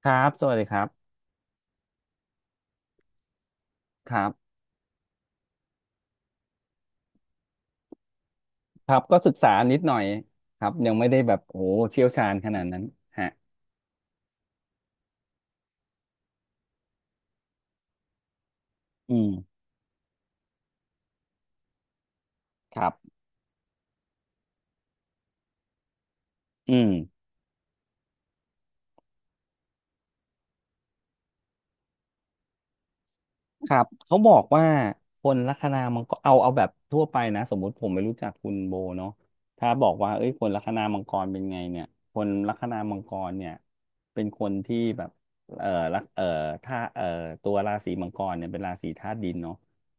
ครับ สวัสดีครับครับ ครับ ก็ศึกษานิดหน่อยครับยังไม่ได้แบบโอ้โหเชี่ยวชาญขนาดนั้นฮะอืมครับอืม ครับเขาบอกว่าคนลัคนามังกรเอาแบบทั่วไปนะสมมุติผมไม่รู้จักคุณโบเนาะถ้าบอกว่าเอ้ยคนลัคนามังกรเป็นไงเนี่ยคนลัคนามังกรเนี่ยเป็นคนที่แบบเอ่อลักเอ่อถ้าเอ่อตัวราศีมังกรเนี่ยเป็นราศีธาตุดินเนาะ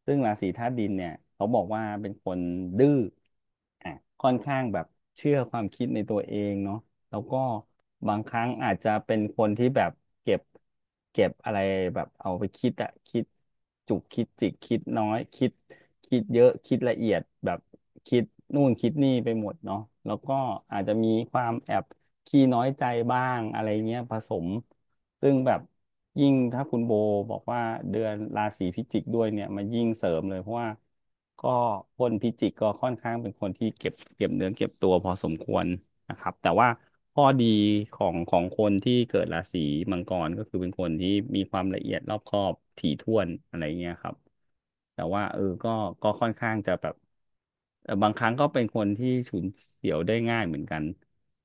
ซึ่งราศีธาตุดินเนี่ยเขาบอกว่าเป็นคนดื้ออ่ะค่อนข้างแบบเชื่อความคิดในตัวเองเนาะ แล้วก็บางครั้งอาจจะเป็นคนที่แบบเก็บอะไรแบบเอาไปคิดอะคิดจุกคิดจิกคิดน้อยคิดคิดเยอะคิดละเอียดแบบคิดนู่นคิดนี่ไปหมดเนาะแล้วก็อาจจะมีความแอบขี้น้อยใจบ้างอะไรเงี้ยผสม ซึ่งแบบยิ่งถ้าคุณโบบอกว่าเดือนราศีพิจิกด้วยเนี่ยมันยิ่งเสริมเลยเพราะว่าก็คนพิจิกก็ค่อนข้างเป็นคนที่เก็บเก็บเนื้อเก็บตัวพอสมควรนะครับแต่ว่าข้อดีของคนที่เกิดราศีมังกรก็คือเป็นคนที่มีความละเอียดรอบคอบถี่ถ้วนอะไรเงี้ยครับแต่ว่าเออก็ค่อนข้างจะแบบ บางครั้งก็เป็นคนที่ฉุนเฉียวได้ง่ายเหมือนกัน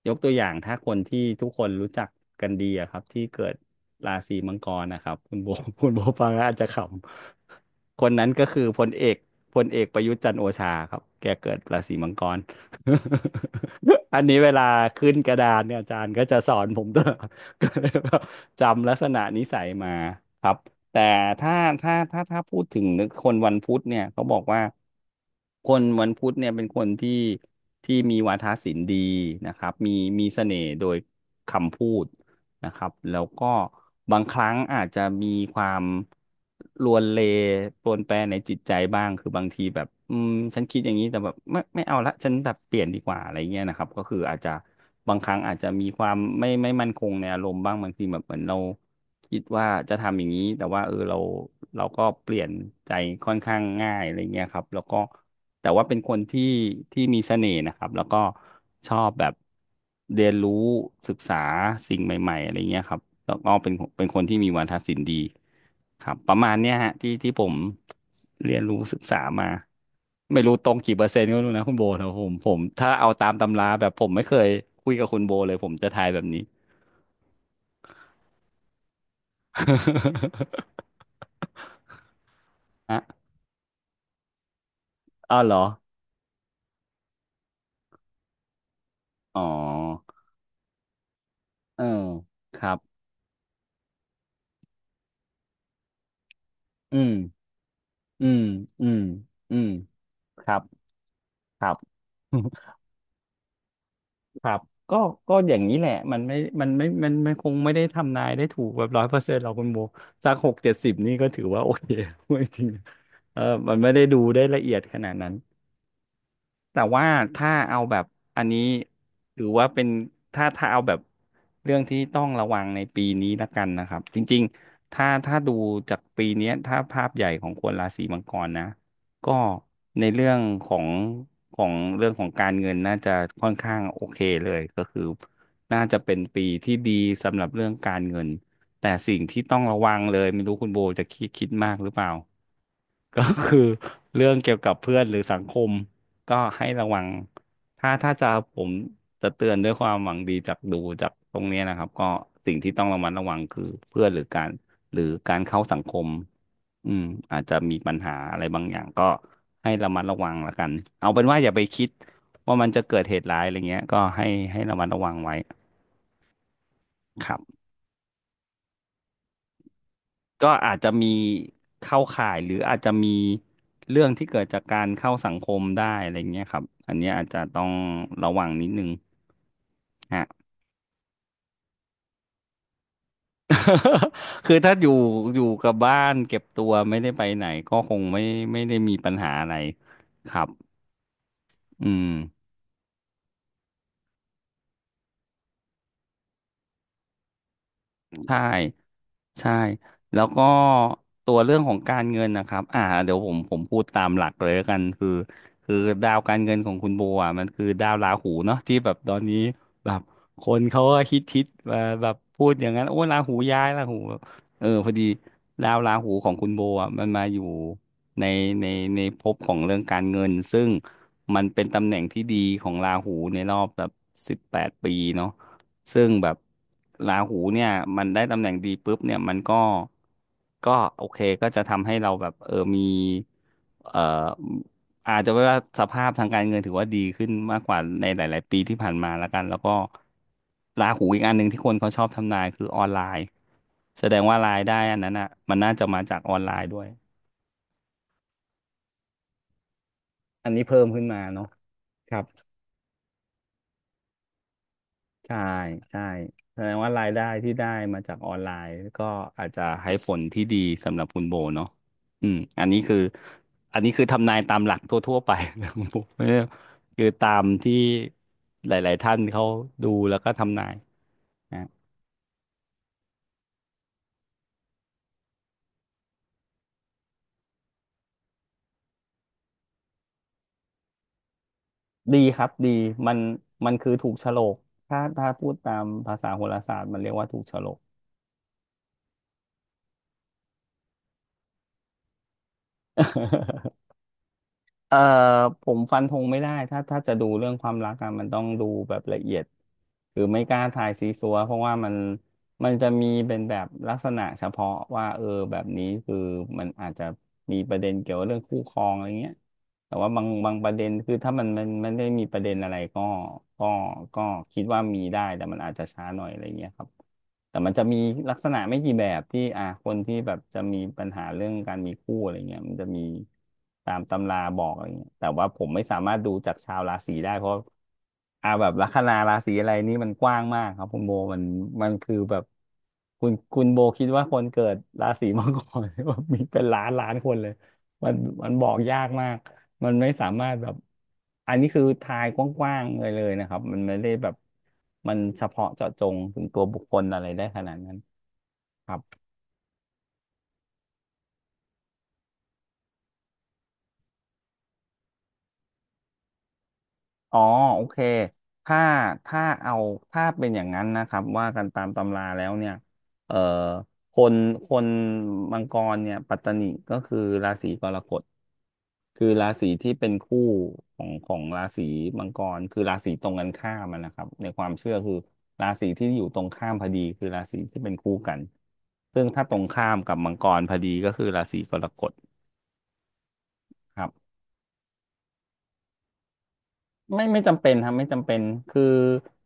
ยกตัวอย่างถ้าคนที่ทุกคนรู้จักกันดีอะครับที่เกิดราศีมังกรนะครับคุณโบ คุณโบฟังแล้วอาจจะขำคนนั้นก็คือพลเอกประยุทธ์จันทร์โอชาครับแกเกิดราศีมังกร อันนี้เวลาขึ้นกระดานเนี่ยอาจารย์ก็จะสอนผมตลอด ก็เลยแบบจำลักษณะนิสัยมาครับ แต่ถ้าถ้าพูดถึงคนวันพุธเนี่ยเขาบอกว่าคนวันพุธเนี่ยเป็นคนที่ที่มีวาทศิลป์ดีนะครับมีเสน่ห์โดยคำพูด นะครับแล้วก็บางครั้งอาจจะมีความลวนเลปรวนแปรในจิตใจบ้างคือบางทีแบบอืมฉันคิดอย่างนี้แต่แบบไม่เอาละฉันแบบเปลี่ยนดีกว่าอะไรเงี้ยนะครับก็คืออาจจะบางครั้งอาจจะมีความไม่มั่นคงในอารมณ์บ้างบางทีแบบเหมือนเราคิดว่าจะทำอย่างนี้แต่ว่าเออเราก็เปลี่ยนใจค่อนข้างง่ายอะไรเงี้ยครับแล้วก็ แต่ว่าเป็นคนที่ที่มีเสน่ห์นะครับแล้วก็ชอบแบบเรียนรู้ศึกษาสิ่งใหม่ๆอะไรเงี้ยครับแล้วก็เป็นคนที่มีวาทศิลป์ดีครับประมาณเนี้ยฮะที่ที่ผมเรียนรู้ศึกษามาไม่รู้ตรงกี่เปอร์เซ็นต์ก็ไม่รู้นะคุณโบแต่ผมถ้าเอาตามตำราแบบผมไม่เคยคุยกับคุณโบเลยผมจะทายแบบนี้ อ่ะอ้าวเหรออ๋อเออครับอืมอืมอืมอืมครับ ครับ ครับก็ก็อย่างนี้แหละมันไม่มันคงไม่ได้ทำนายได้ถูกแบบร้อยเปอร์เซ็นต์หรอกคุณโบสักหกเจ็ดสิบนี่ก็ถือว่าโอเค พูดจริงๆเออมันไม่ได้ดูได้ละเอียดขนาดนั้น แต่ว่าถ้าเอาแบบอันนี้ถือว่าเป็นถ้าเอาแบบเรื่องที่ต้องระวังในปีนี้ละกันนะครับจริงๆถ้าดูจากปีเนี้ยถ้าภาพใหญ่ของคนราศีมังกรนะก็ในเรื่องของของเรื่องของการเงินน่าจะค่อนข้างโอเคเลยก็คือน่าจะเป็นปีที่ดีสำหรับเรื่องการเงินแต่สิ่งที่ต้องระวังเลยไม่รู้คุณโบจะคิดมากหรือเปล่า ก็คือเรื่องเกี่ยวกับเพื่อนหรือสังคมก็ให้ระวังถ้าถ้าจะผมจะเตือนด้วยความหวังดีจากดูจากตรงเนี้ยนะครับก็สิ่งที่ต้องระมัดระวังคือเพื่อนหรือการเข้าสังคมอืมอาจจะมีปัญหาอะไรบางอย่างก็ให้ระมัดระวังละกันเอาเป็นว่าอย่าไปคิดว่ามันจะเกิดเหตุร้ายอะไรเงี้ยก็ให้ระมัดระวังไว้ครับ ก็อาจจะมีเข้าข่ายหรืออาจจะมีเรื่องที่เกิดจากการเข้าสังคมได้อะไรเงี้ยครับอันเนี้ยอาจจะต้องระวังนิดนึงฮะ คือถ้าอยู่กับบ้านเก็บตัวไม่ได้ไปไหนก็คงไม่ได้มีปัญหาอะไรครับอืม ใช่ใช่แล้วก็ตัวเรื่องของการเงินนะครับอ่าเดี๋ยวผมพูดตามหลักเลยแล้วกันคือดาวการเงินของคุณโบอ่ะมันคือดาวราหูเนาะที่แบบตอนนี้แบบคนเขาก็คิดแบบพูดอย่างนั้นโอ้ราหูย้ายราหูเออพอดีดาวราหูของคุณโบอ่ะมันมาอยู่ในในในภพของเรื่องการเงินซึ่งมันเป็นตำแหน่งที่ดีของราหูในรอบแบบ18 ปีเนาะ ซึ่งแบบราหูเนี่ยมันได้ตำแหน่งดีปุ๊บเนี่ยมันก็โอเคก็จะทำให้เราแบบเออมีเอ่ออาจจะว่าสภาพทางการเงินถือว่าดีขึ้นมากกว่าในหลายๆปีที่ผ่านมาแล้วกันแล้วก็ราหูอีกอันหนึ่งที่คนเขาชอบทำนายคือออนไลน์แสดงว่ารายได้อันนั้นอ่ะมันน่าจะมาจากออนไลน์ด้วยอันนี้เพิ่มขึ้นมาเนาะครับ ใช่ใช่แสดงว่ารายได้ที่ได้มาจากออนไลน์ก็อาจจะให้ผลที่ดีสำหรับคุณโบเนาะอืมอันนี้คือทำนายตามหลักทั่วๆไป นะคุณโบไม่ได้คือตามที่หลายๆท่านเขาดูแล้วก็ทำนายนะดีครับดีมันมันคือถูกโฉลกถ้าพูดตามภาษาโหราศาสตร์มันเรียกว่าถูกโฉลก เอ่อผมฟันธงไม่ได้ถ้าจะดูเรื่องความรักอะมันต้องดูแบบละเอียดหรือไม่กล้าทายซีซัวเพราะว่ามันจะมีเป็นแบบลักษณะเฉพาะว่าเออแบบนี้คือมันอาจจะมีประเด็นเกี่ยวกับเรื่องคู่ครองอะไรเงี้ยแต่ว่าบางประเด็นคือถ้ามันไม่ได้มีประเด็นอะไรก็ก็ก็คิดว่ามีได้แต่มันอาจจะช้าหน่อยอะไรเงี้ยครับ แต่มันจะมีลักษณะไม่กี่แบบที่คนที่แบบจะมีปัญหาเรื่องการมีคู่อะไรเงี้ยมันจะมีตามตำราบอกอะไรเงี้ยแต่ว่าผมไม่สามารถดูจากชาวราศีได้เพราะแบบลัคนาราศีอะไรนี่มันกว้างมากครับคุณโบมันมันคือแบบคุณโบคิดว่าคนเกิดราศีมังกร ว่ามีเป็นล้านล้านคนเลยมันมันบอกยากมาก มันไม่สามารถแบบอันนี้คือทายกว้างๆเลยนะครับมันไม่ได้แบบมันเฉพาะเจาะจงถึงตัวบุคคลอะไรได้ขนาดนั้นครับอ๋อโอเคถ้าถ้าเอาถ้าเป็นอย่างนั้นนะครับว่ากันตามตำราแล้วเนี่ยเอ่อคนคนมังกรเนี่ยปัตตนิก็คือราศีกรกฎ คือราศีที่เป็นคู่ของราศีมังกรคือราศีตรงกันข้ามอะนะครับในความเชื่อคือราศีที่อยู่ตรงข้ามพอดีคือราศีที่เป็นคู่กันซึ่งถ้าตรงข้ามกับมังกรพอดีก็คือราศีกรกฎครับไม่ไม่จำเป็นครับไม่จำเป็นคือ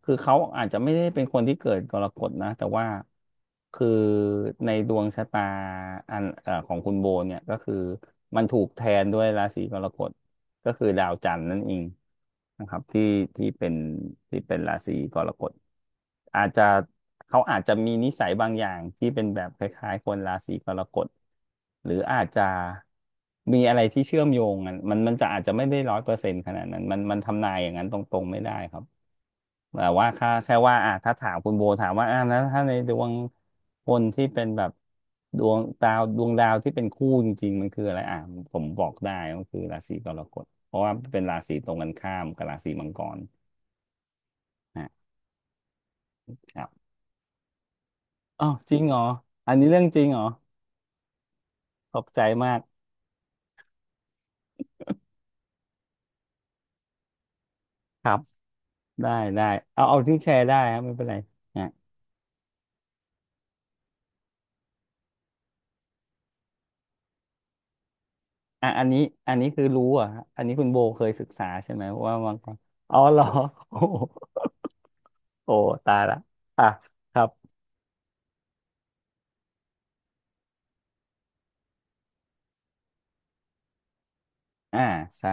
คือเขาอาจจะไม่ได้เป็นคนที่เกิดกรกฎนะแต่ว่าคือในดวงชะตาอันของคุณโบเนี่ยก็คือมันถูกแทนด้วยราศีกรกฎ ก็คือดาวจันทร์นั่นเองนะครับที่ที่เป็นที่เป็นราศีกรกฎอาจจะเขาอาจจะมีนิสัยบางอย่างที่เป็นแบบคล้ายๆคนราศีกรกฎหรืออาจจะมีอะไรที่เชื่อมโยงกันมันจะอาจจะไม่ได้100%ขนาดนั้นมันทำนายอย่างนั้นตรงๆไม่ได้ครับ แต่ว่าแค่ว่าอ่ะถ้าถามคุณโบถามว่าอ่ะแล้วถ้าในดวงคนที่เป็นแบบดวงดาวที่เป็นคู่จริงๆมันคืออะไรอ่ะผมบอกได้ก็คือราศีกรกฎเพราะว่าเป็นราศีตรงกันข้ามกับราศีมังกรนะครับอ๋อจริงเหรออันนี้เรื่องจริงเหรอขอบใจมากครับได้ได้เอาที่แชร์ได้ครับไม่เป็นไร อ่ะอันนี้อันนี้คือรู้เหรอ่ะอันนี้คุณโบเคยศึกษาใช่ไหมว่ามังกรอ๋อเหรอโอ้โห โอ้ตายละอ่ะครับอ่าใช่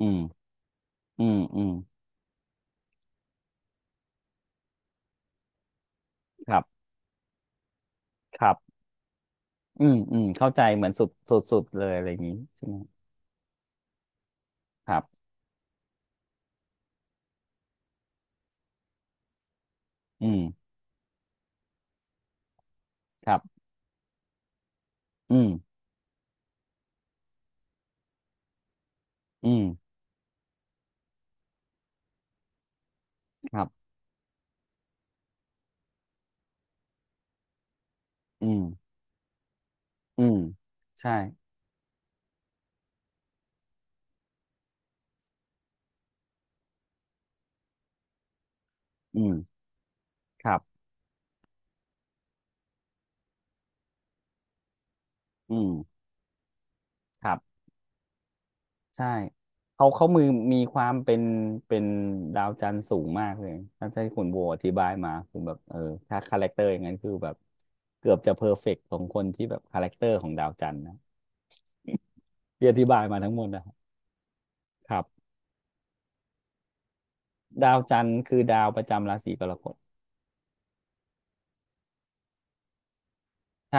อืมอืมอืมครับครับอืมอืมเข้าใจเหมือนสุดสุดสุดเลยอะไรอย่างนี้ใช่ไหมครับอืมครับอืมอืมครับอืมอืมใช่อืมครับอืมครับ ใช่เขาเขามือมีความเป็นเป็นดาวจันทร์สูงมากเลยถ้าที่คุณโบอธิบายมาคือแบบเออถ้าคาแรคเตอร์อย่างนั้นคือแบบเกือบจะเพอร์เฟกต์ของคนที่แบบคาแรคเตอร์ของดาวจันทร์นะที่อธิบายมาทั้งหมดนะครับครับดาวจันทร์คือดาวประจำราศีกรกฎใช่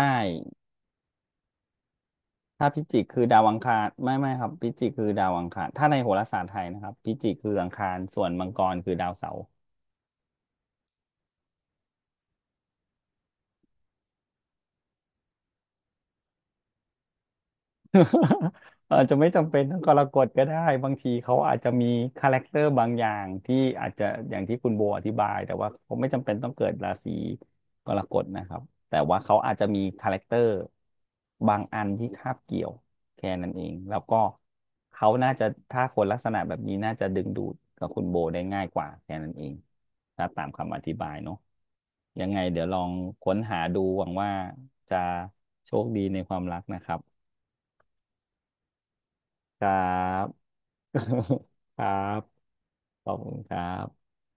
ถ้าพิจิกคือดาวอังคารไม่ครับพิจิกคือดาวอังคารถ้าในโหราศาสตร์ไทยนะครับพิจิกคืออังคารส่วนมังกรคือดาวเสาร์ อาจจะไม่จำเป็นต้องกรกฎก็ได้บางทีเขาอาจจะมีคาแรคเตอร์บางอย่างที่อาจจะอย่างที่คุณโบอธิบายแต่ว่าเขาไม่จำเป็นต้องเกิดราศีกรกฎนะครับแต่ว่าเขาอาจจะมีคาแรคเตอร์บางอันที่คาบเกี่ยวแค่นั้นเองแล้วก็เขาน่าจะถ้าคนลักษณะแบบนี้น่าจะดึงดูดกับคุณโบได้ง่ายกว่าแค่นั้นเองถ้าตามคำอธิบายเนาะยังไงเดี๋ยวลองค้นหาดูหวังว่าจะโชคดีในความรักนะครับ ครับ ครับขอบคุณครับ